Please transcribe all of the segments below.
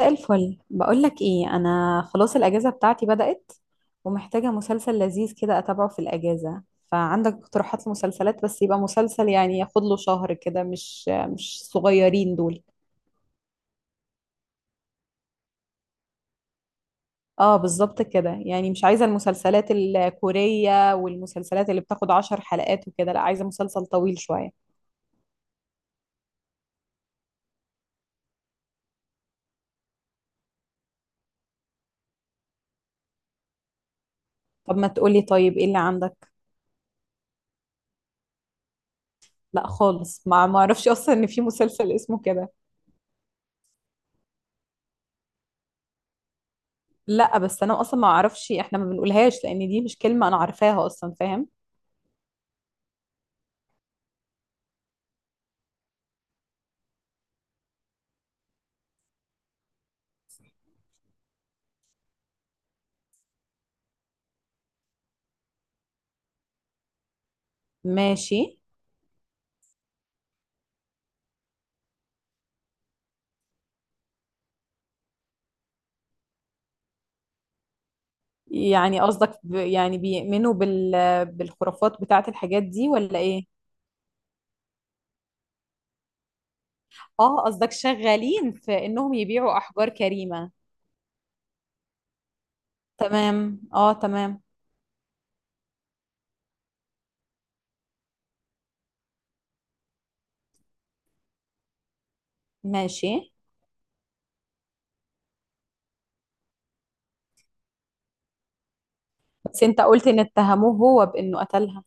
مساء الفل، بقولك ايه، انا خلاص الاجازه بتاعتي بدأت ومحتاجه مسلسل لذيذ كده اتابعه في الاجازه. فعندك اقتراحات لمسلسلات؟ بس يبقى مسلسل يعني ياخد له شهر كده، مش صغيرين دول. اه، بالظبط كده. يعني مش عايزه المسلسلات الكوريه والمسلسلات اللي بتاخد 10 حلقات وكده. لا، عايزه مسلسل طويل شويه. طب ما تقولي طيب، ايه اللي عندك؟ لا خالص، ما اعرفش اصلا ان في مسلسل اسمه كده. لا بس انا اصلا ما اعرفش، احنا ما بنقولهاش لان دي مش كلمه انا عارفاها اصلا، فاهم؟ ماشي. يعني قصدك يعني بالخرافات بتاعة الحاجات دي ولا ايه؟ اه، قصدك شغالين في انهم يبيعوا احجار كريمة. تمام، اه، تمام. ماشي. بس انت قلت ان اتهموه هو بانه قتلها.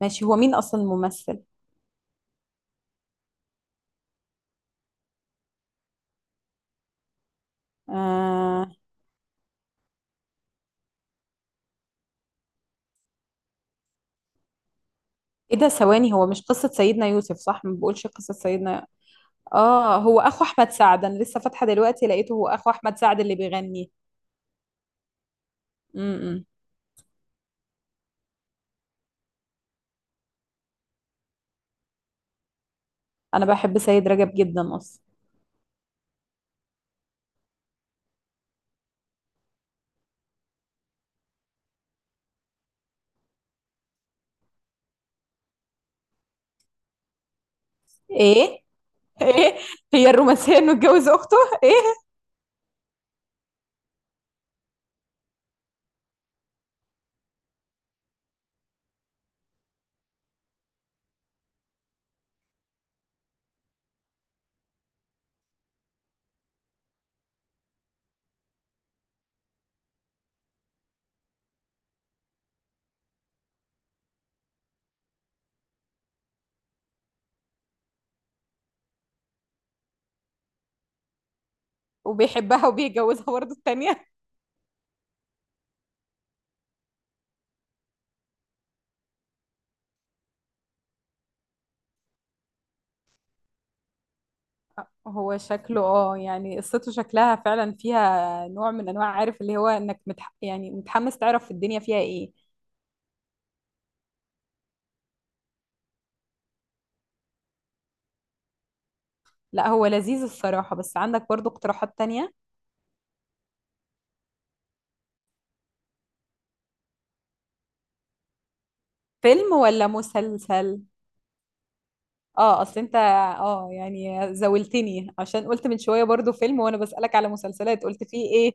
ماشي. هو مين اصلا الممثل؟ آه. ايه ده؟ ثواني، هو مش قصة سيدنا يوسف صح؟ ما بقولش قصة سيدنا. اه، هو اخو احمد سعد. انا لسه فاتحة دلوقتي لقيته هو اخو احمد سعد اللي بيغني. م -م. انا بحب سيد رجب جدا اصلا. ايه؟ ايه هي الرومانسية انه اتجوز اخته؟ ايه؟ وبيحبها وبيتجوزها برضه التانية؟ هو شكله، يعني قصته شكلها فعلا فيها نوع من انواع، عارف اللي هو انك يعني متحمس تعرف الدنيا فيها ايه. لا هو لذيذ الصراحة، بس عندك برضه اقتراحات تانية؟ فيلم ولا مسلسل؟ اه اصل انت، يعني زاولتني عشان قلت من شوية برضه فيلم، وانا بسألك على مسلسلات قلت فيه ايه.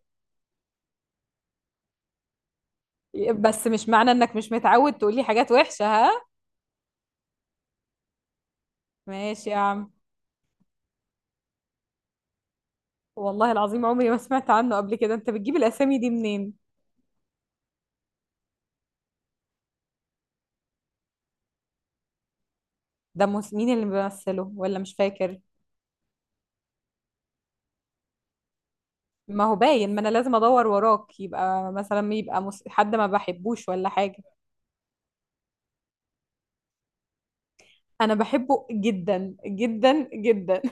بس مش معنى انك مش متعود تقولي حاجات وحشة، ها. ماشي يا عم. والله العظيم عمري ما سمعت عنه قبل كده، انت بتجيب الاسامي دي منين؟ ده مين اللي بيمثله، ولا مش فاكر؟ ما هو باين ما انا لازم ادور وراك. يبقى مثلا يبقى حد ما بحبوش ولا حاجه؟ انا بحبه جدا جدا جدا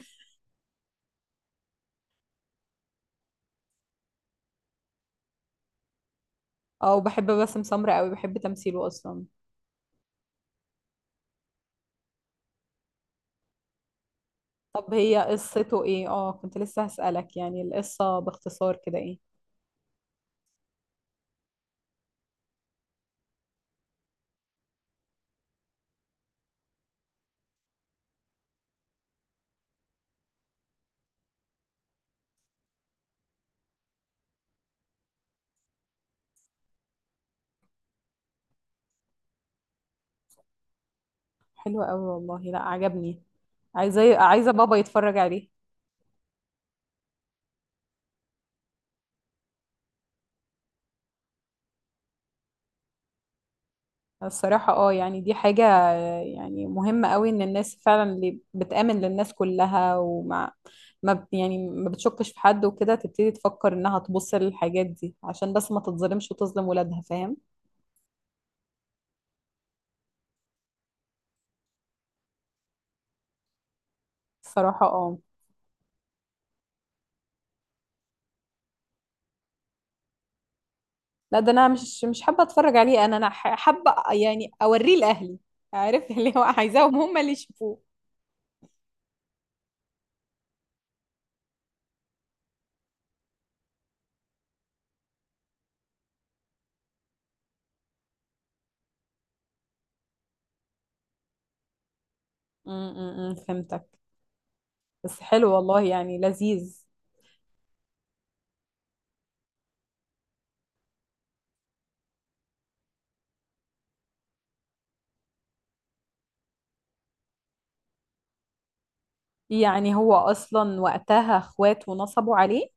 اه، وبحب باسم سمرة قوي، بحب تمثيله اصلا. طب هي قصته ايه؟ اه كنت لسه هسألك يعني القصه باختصار كده ايه. حلوه قوي والله، لا عجبني. عايزه، عايزه بابا يتفرج عليه. الصراحه، يعني دي حاجه. يعني مهم قوي ان الناس فعلا اللي بتآمن للناس كلها، ومع ما ب- يعني ما بتشكش في حد وكده، تبتدي تفكر انها تبص للحاجات دي عشان بس ما تتظلمش وتظلم ولادها، فاهم؟ صراحة، اه. لا ده انا مش حابة اتفرج عليه. انا حابة يعني اوريه لاهلي. عارف اللي هو عايزاهم هم اللي يشوفوه. م- م- م، فهمتك. بس حلو والله، يعني لذيذ. يعني هو اصلا وقتها اخوات ونصبوا عليه.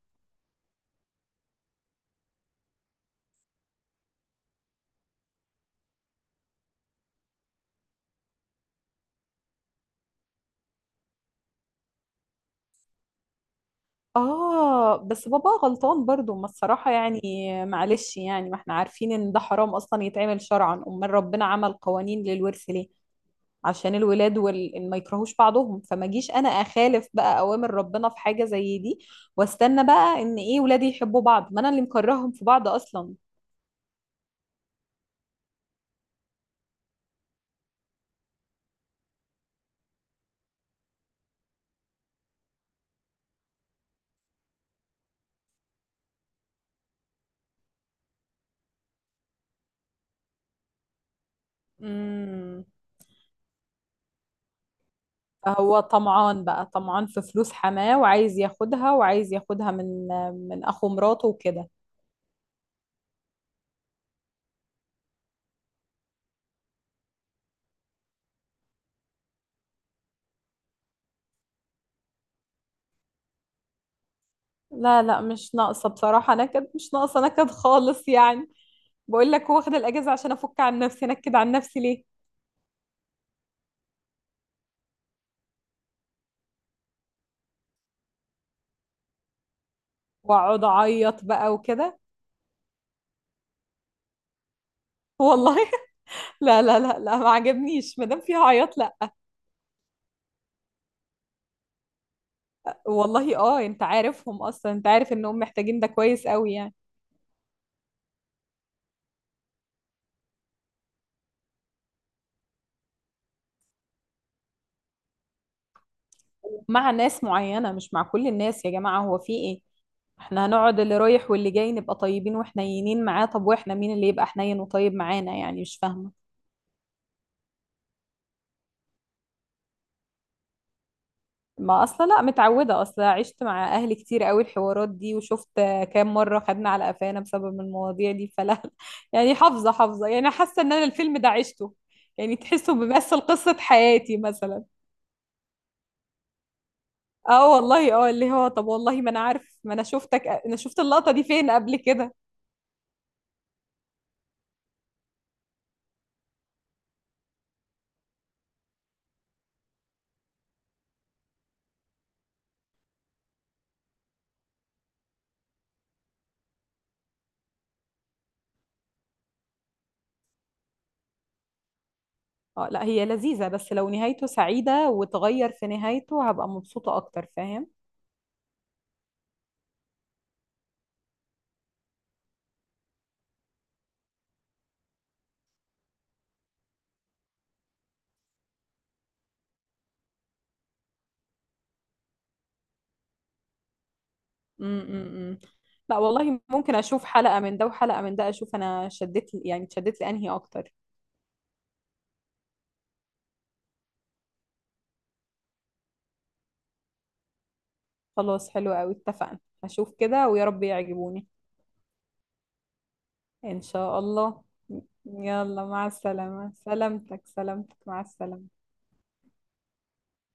آه، بس بابا غلطان برضو، ما الصراحة يعني. معلش، يعني ما احنا عارفين إن ده حرام أصلا يتعمل شرعا. أمال ربنا عمل قوانين للورث ليه؟ عشان الولاد إن ما يكرهوش بعضهم، فما جيش أنا أخالف بقى أوامر ربنا في حاجة زي دي. واستنى بقى إن إيه، ولادي يحبوا بعض، ما أنا اللي مكرههم في بعض أصلا. امم. فهو طمعان بقى، طمعان في فلوس حماه، وعايز ياخدها وعايز ياخدها من أخو مراته وكده. لا لا، مش ناقصة بصراحة نكد، مش ناقصة نكد خالص يعني. بقول لك هو واخد الأجازة عشان أفك عن نفسي نكد، عن نفسي ليه وأقعد أعيط بقى وكده. والله لا لا لا لا، ما عجبنيش ما دام فيها عياط، لا. والله، انت عارفهم اصلا، انت عارف انهم محتاجين ده كويس قوي يعني. مع ناس معينة مش مع كل الناس يا جماعة، هو في ايه؟ احنا هنقعد اللي رايح واللي جاي نبقى طيبين وحنينين معاه؟ طب واحنا مين اللي يبقى حنين وطيب معانا؟ يعني مش فاهمة. ما اصلا لا متعوده، اصلا عشت مع اهلي كتير قوي الحوارات دي، وشفت كام مره خدنا على قفانا بسبب المواضيع دي، فلا. يعني حافظه حافظه، يعني حاسه ان انا الفيلم ده عشته، يعني تحسه بيمثل قصه حياتي مثلا. اه والله، اللي هو طب والله ما انا عارف، ما انا شفتك، انا شفت اللقطه دي فين قبل كده. اه لا هي لذيذه، بس لو نهايته سعيده وتغير في نهايته هبقى مبسوطه اكتر، فاهم؟ امم، أمم. لا والله، ممكن اشوف حلقة من ده وحلقة من ده، اشوف انا شدت يعني شدت لانهي اكتر. خلاص حلو قوي، اتفقنا. هشوف كده ويا رب يعجبوني. ان شاء الله. يلا، مع السلامة، سلامتك سلامتك، مع السلامة.